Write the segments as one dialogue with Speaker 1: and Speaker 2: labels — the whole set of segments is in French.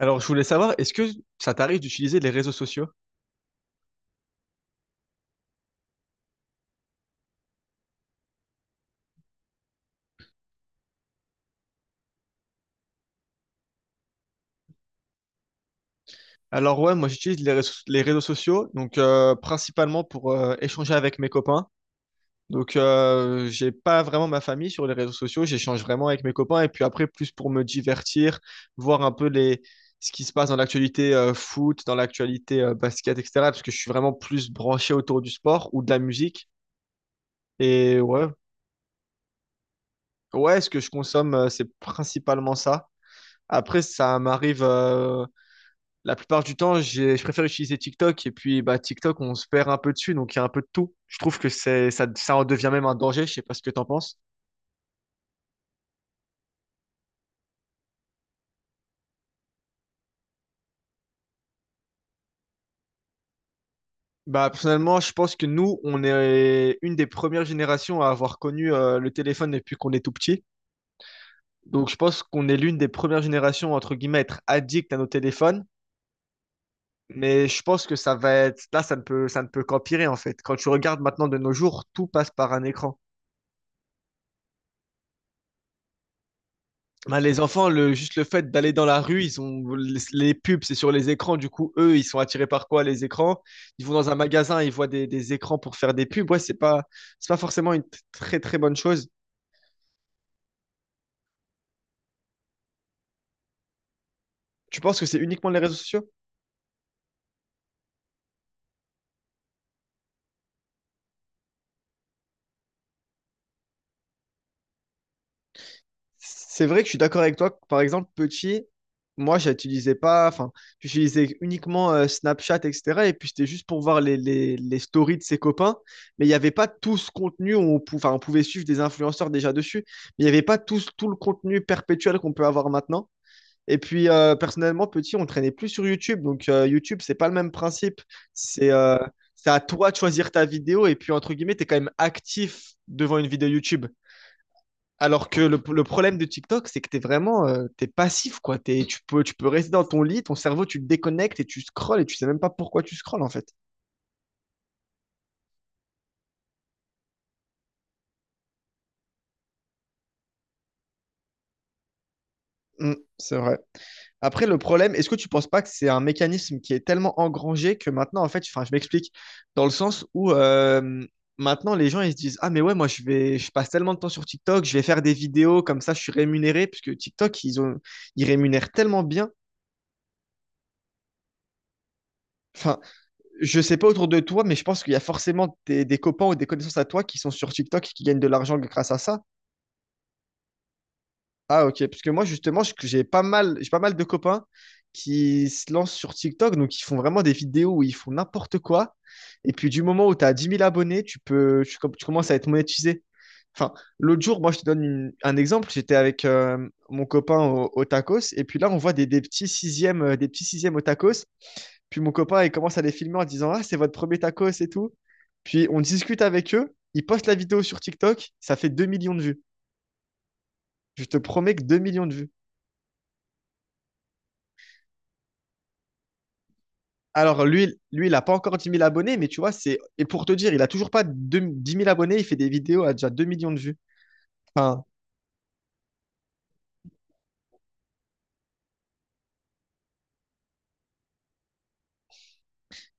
Speaker 1: Alors, je voulais savoir, est-ce que ça t'arrive d'utiliser les réseaux sociaux? Alors ouais, moi j'utilise les réseaux sociaux, donc principalement pour échanger avec mes copains. Donc, j'ai pas vraiment ma famille sur les réseaux sociaux. J'échange vraiment avec mes copains. Et puis après, plus pour me divertir, voir un peu ce qui se passe dans l'actualité, foot, dans l'actualité, basket, etc. Parce que je suis vraiment plus branché autour du sport ou de la musique. Et ouais, ouais, ce que je consomme, c'est principalement ça. Après, ça m'arrive, la plupart du temps, je préfère utiliser TikTok. Et puis, bah, TikTok, on se perd un peu dessus. Donc, il y a un peu de tout. Je trouve que c'est ça, ça en devient même un danger. Je sais pas ce que t'en penses. Bah, personnellement, je pense que nous, on est une des premières générations à avoir connu, le téléphone depuis qu'on est tout petit. Donc, je pense qu'on est l'une des premières générations, entre guillemets, à être addict à nos téléphones. Mais je pense que ça va être, là, ça ne peut qu'empirer, en fait. Quand tu regardes maintenant de nos jours, tout passe par un écran. Bah, les enfants, juste le fait d'aller dans la rue, ils ont, les pubs, c'est sur les écrans. Du coup, eux, ils sont attirés par quoi, les écrans? Ils vont dans un magasin, ils voient des écrans pour faire des pubs. Ouais, c'est pas forcément une très, très bonne chose. Tu penses que c'est uniquement les réseaux sociaux? C'est vrai que je suis d'accord avec toi. Par exemple, petit, moi, j'utilisais pas, enfin, j'utilisais uniquement, Snapchat, etc. Et puis, c'était juste pour voir les stories de ses copains. Mais il n'y avait pas tout ce contenu. Enfin, on pouvait suivre des influenceurs déjà dessus. Mais il n'y avait pas tout, tout le contenu perpétuel qu'on peut avoir maintenant. Et puis, personnellement, petit, on traînait plus sur YouTube. Donc, YouTube, c'est pas le même principe. C'est euh, c'est à toi de choisir ta vidéo. Et puis, entre guillemets, tu es quand même actif devant une vidéo YouTube. Alors que le problème de TikTok, c'est que t'es passif, quoi. Tu peux rester dans ton lit, ton cerveau, tu te déconnectes et tu scrolles et tu sais même pas pourquoi tu scrolles, en fait. Mm, c'est vrai. Après, le problème, est-ce que tu penses pas que c'est un mécanisme qui est tellement engrangé que maintenant, en fait, enfin, je m'explique, dans le sens où, maintenant, les gens, ils se disent, ah, mais ouais, moi, je passe tellement de temps sur TikTok, je vais faire des vidéos, comme ça, je suis rémunéré, puisque TikTok, ils rémunèrent tellement bien. Enfin, je sais pas autour de toi, mais je pense qu'il y a forcément des copains ou des connaissances à toi qui sont sur TikTok et qui gagnent de l'argent grâce à ça. Ah, ok. Parce que moi, justement, j'ai pas mal de copains qui se lancent sur TikTok. Donc, ils font vraiment des vidéos où ils font n'importe quoi. Et puis, du moment où tu as 10 000 abonnés, tu commences à être monétisé. Enfin, l'autre jour, moi, je te donne un exemple. J'étais avec, mon copain au tacos. Et puis là, on voit des petits sixièmes au tacos puis mon copain, il commence à les filmer en disant ah, c'est votre premier tacos et tout. Puis on discute avec eux. Ils postent la vidéo sur TikTok. Ça fait 2 millions de vues. Je te promets que 2 millions de vues. Alors lui il n'a pas encore 10 000 abonnés, mais tu vois, c'est. Et pour te dire, il a toujours pas 10 000 abonnés. Il fait des vidéos à déjà 2 millions de vues. Enfin,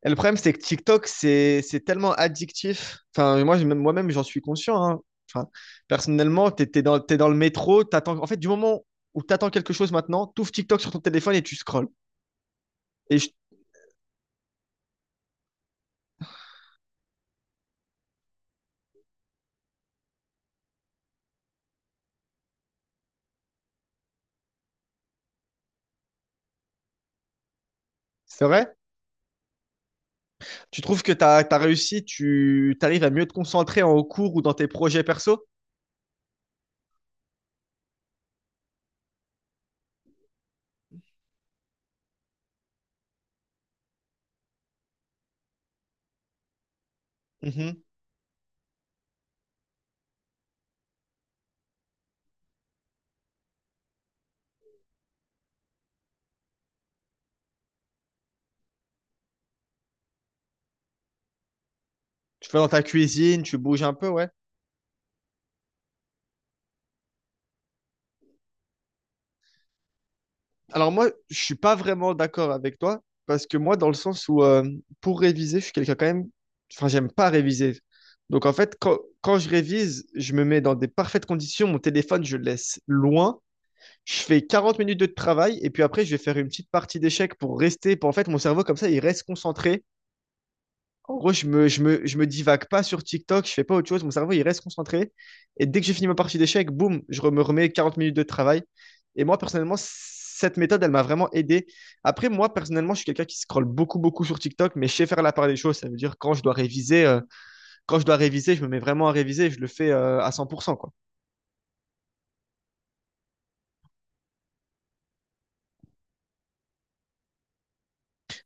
Speaker 1: et le problème, c'est que TikTok, c'est tellement addictif. Enfin, moi, moi-même, j'en suis conscient, hein. Enfin, personnellement, t'es dans le métro. En fait, du moment où tu attends quelque chose maintenant, tu ouvres TikTok sur ton téléphone et tu scrolls. Et je- c'est vrai? Tu trouves que tu arrives à mieux te concentrer en cours ou dans tes projets perso? Mhm. Tu fais dans ta cuisine, tu bouges un peu, ouais. Alors moi, je suis pas vraiment d'accord avec toi parce que moi, dans le sens où, pour réviser, je suis quelqu'un quand même. Enfin, j'aime pas réviser. Donc en fait, quand je révise, je me mets dans des parfaites conditions. Mon téléphone, je le laisse loin. Je fais 40 minutes de travail et puis après, je vais faire une petite partie d'échecs pour rester. Pour, en fait, mon cerveau comme ça, il reste concentré. En gros, je me divague pas sur TikTok, je fais pas autre chose, mon cerveau il reste concentré. Et dès que j'ai fini ma partie d'échecs, boum, me remets 40 minutes de travail. Et moi, personnellement, cette méthode, elle m'a vraiment aidé. Après, moi, personnellement, je suis quelqu'un qui scrolle beaucoup, beaucoup sur TikTok, mais je sais faire la part des choses. Ça veut dire quand je dois réviser, je me mets vraiment à réviser, je le fais, à 100%, quoi.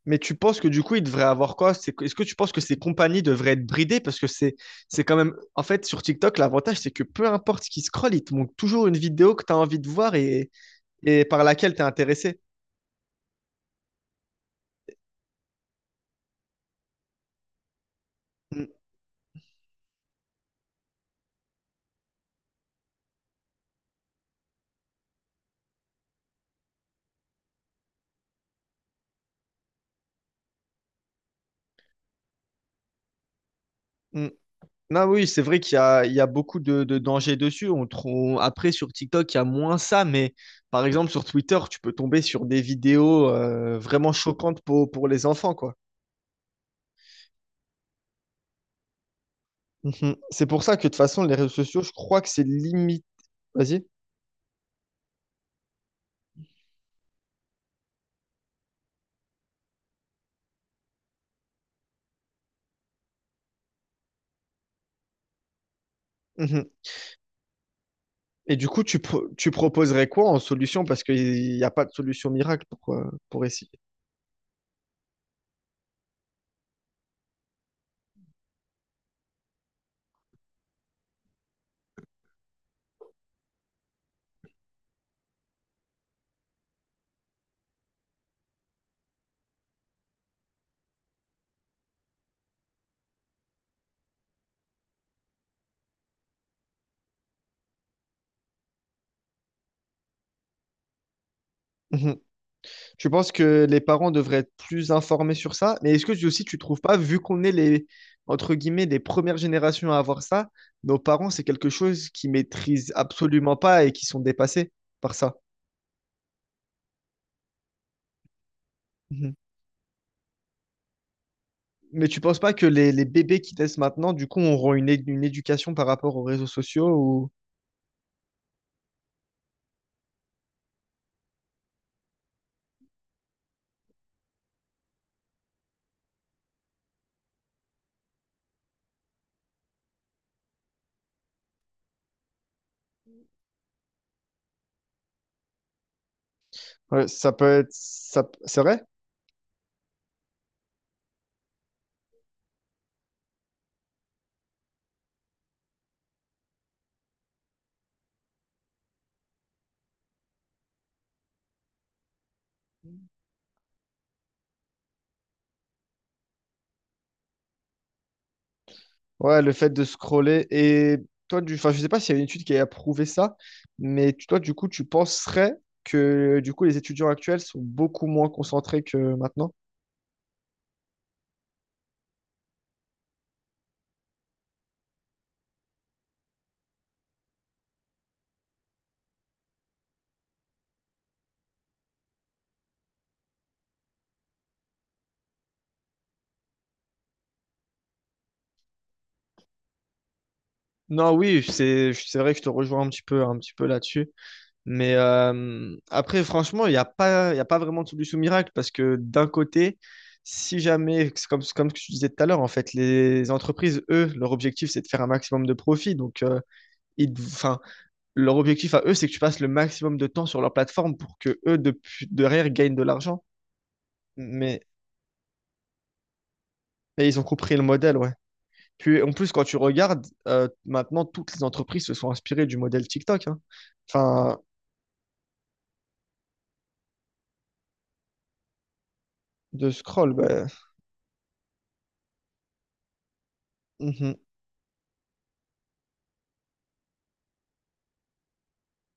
Speaker 1: Mais tu penses que du coup, il devrait avoir quoi? Est-ce que tu penses que ces compagnies devraient être bridées? Parce que c'est quand même. En fait, sur TikTok, l'avantage, c'est que peu importe ce qui scrolle, il te montre toujours une vidéo que tu as envie de voir, et par laquelle tu es intéressé. Mm, mm. Non, oui, c'est vrai qu'il y a beaucoup de dangers dessus. Après, sur TikTok, il y a moins ça, mais par exemple, sur Twitter, tu peux tomber sur des vidéos, vraiment choquantes pour les enfants, quoi. Mhm. C'est pour ça que de toute façon, les réseaux sociaux, je crois que c'est limite. Vas-y. Mhm. Et du coup, tu proposerais quoi en solution? Parce qu'il n'y a pas de solution miracle pour essayer. Mhm. Tu penses que les parents devraient être plus informés sur ça? Mais est-ce que aussi tu trouves pas, vu qu'on est les, entre guillemets, les premières générations à avoir ça, nos parents, c'est quelque chose qu'ils maîtrisent absolument pas et qui sont dépassés par ça. Mhm. Mais tu penses pas que les bébés qui naissent maintenant, du coup, auront une éducation par rapport aux réseaux sociaux ou... Ouais, ça peut être... C'est vrai? Ouais, le fait de scroller. Et toi, enfin, je sais pas s'il y a une étude qui a prouvé ça, mais toi, du coup, tu penserais que du coup, les étudiants actuels sont beaucoup moins concentrés que maintenant? Non, oui, c'est vrai que je te rejoins un petit peu là-dessus. Mais après, franchement, il y a pas vraiment de solution miracle parce que d'un côté, si jamais, c'est comme ce que tu disais tout à l'heure, en fait, les entreprises, eux, leur objectif, c'est de faire un maximum de profit. Donc, enfin, leur objectif à eux, c'est que tu passes le maximum de temps sur leur plateforme pour que eux, depuis, derrière, gagnent de l'argent. Mais, mais ils ont compris le modèle, ouais. Puis en plus, quand tu regardes, maintenant, toutes les entreprises se sont inspirées du modèle TikTok, hein. Enfin, de scroll, bah, mhm.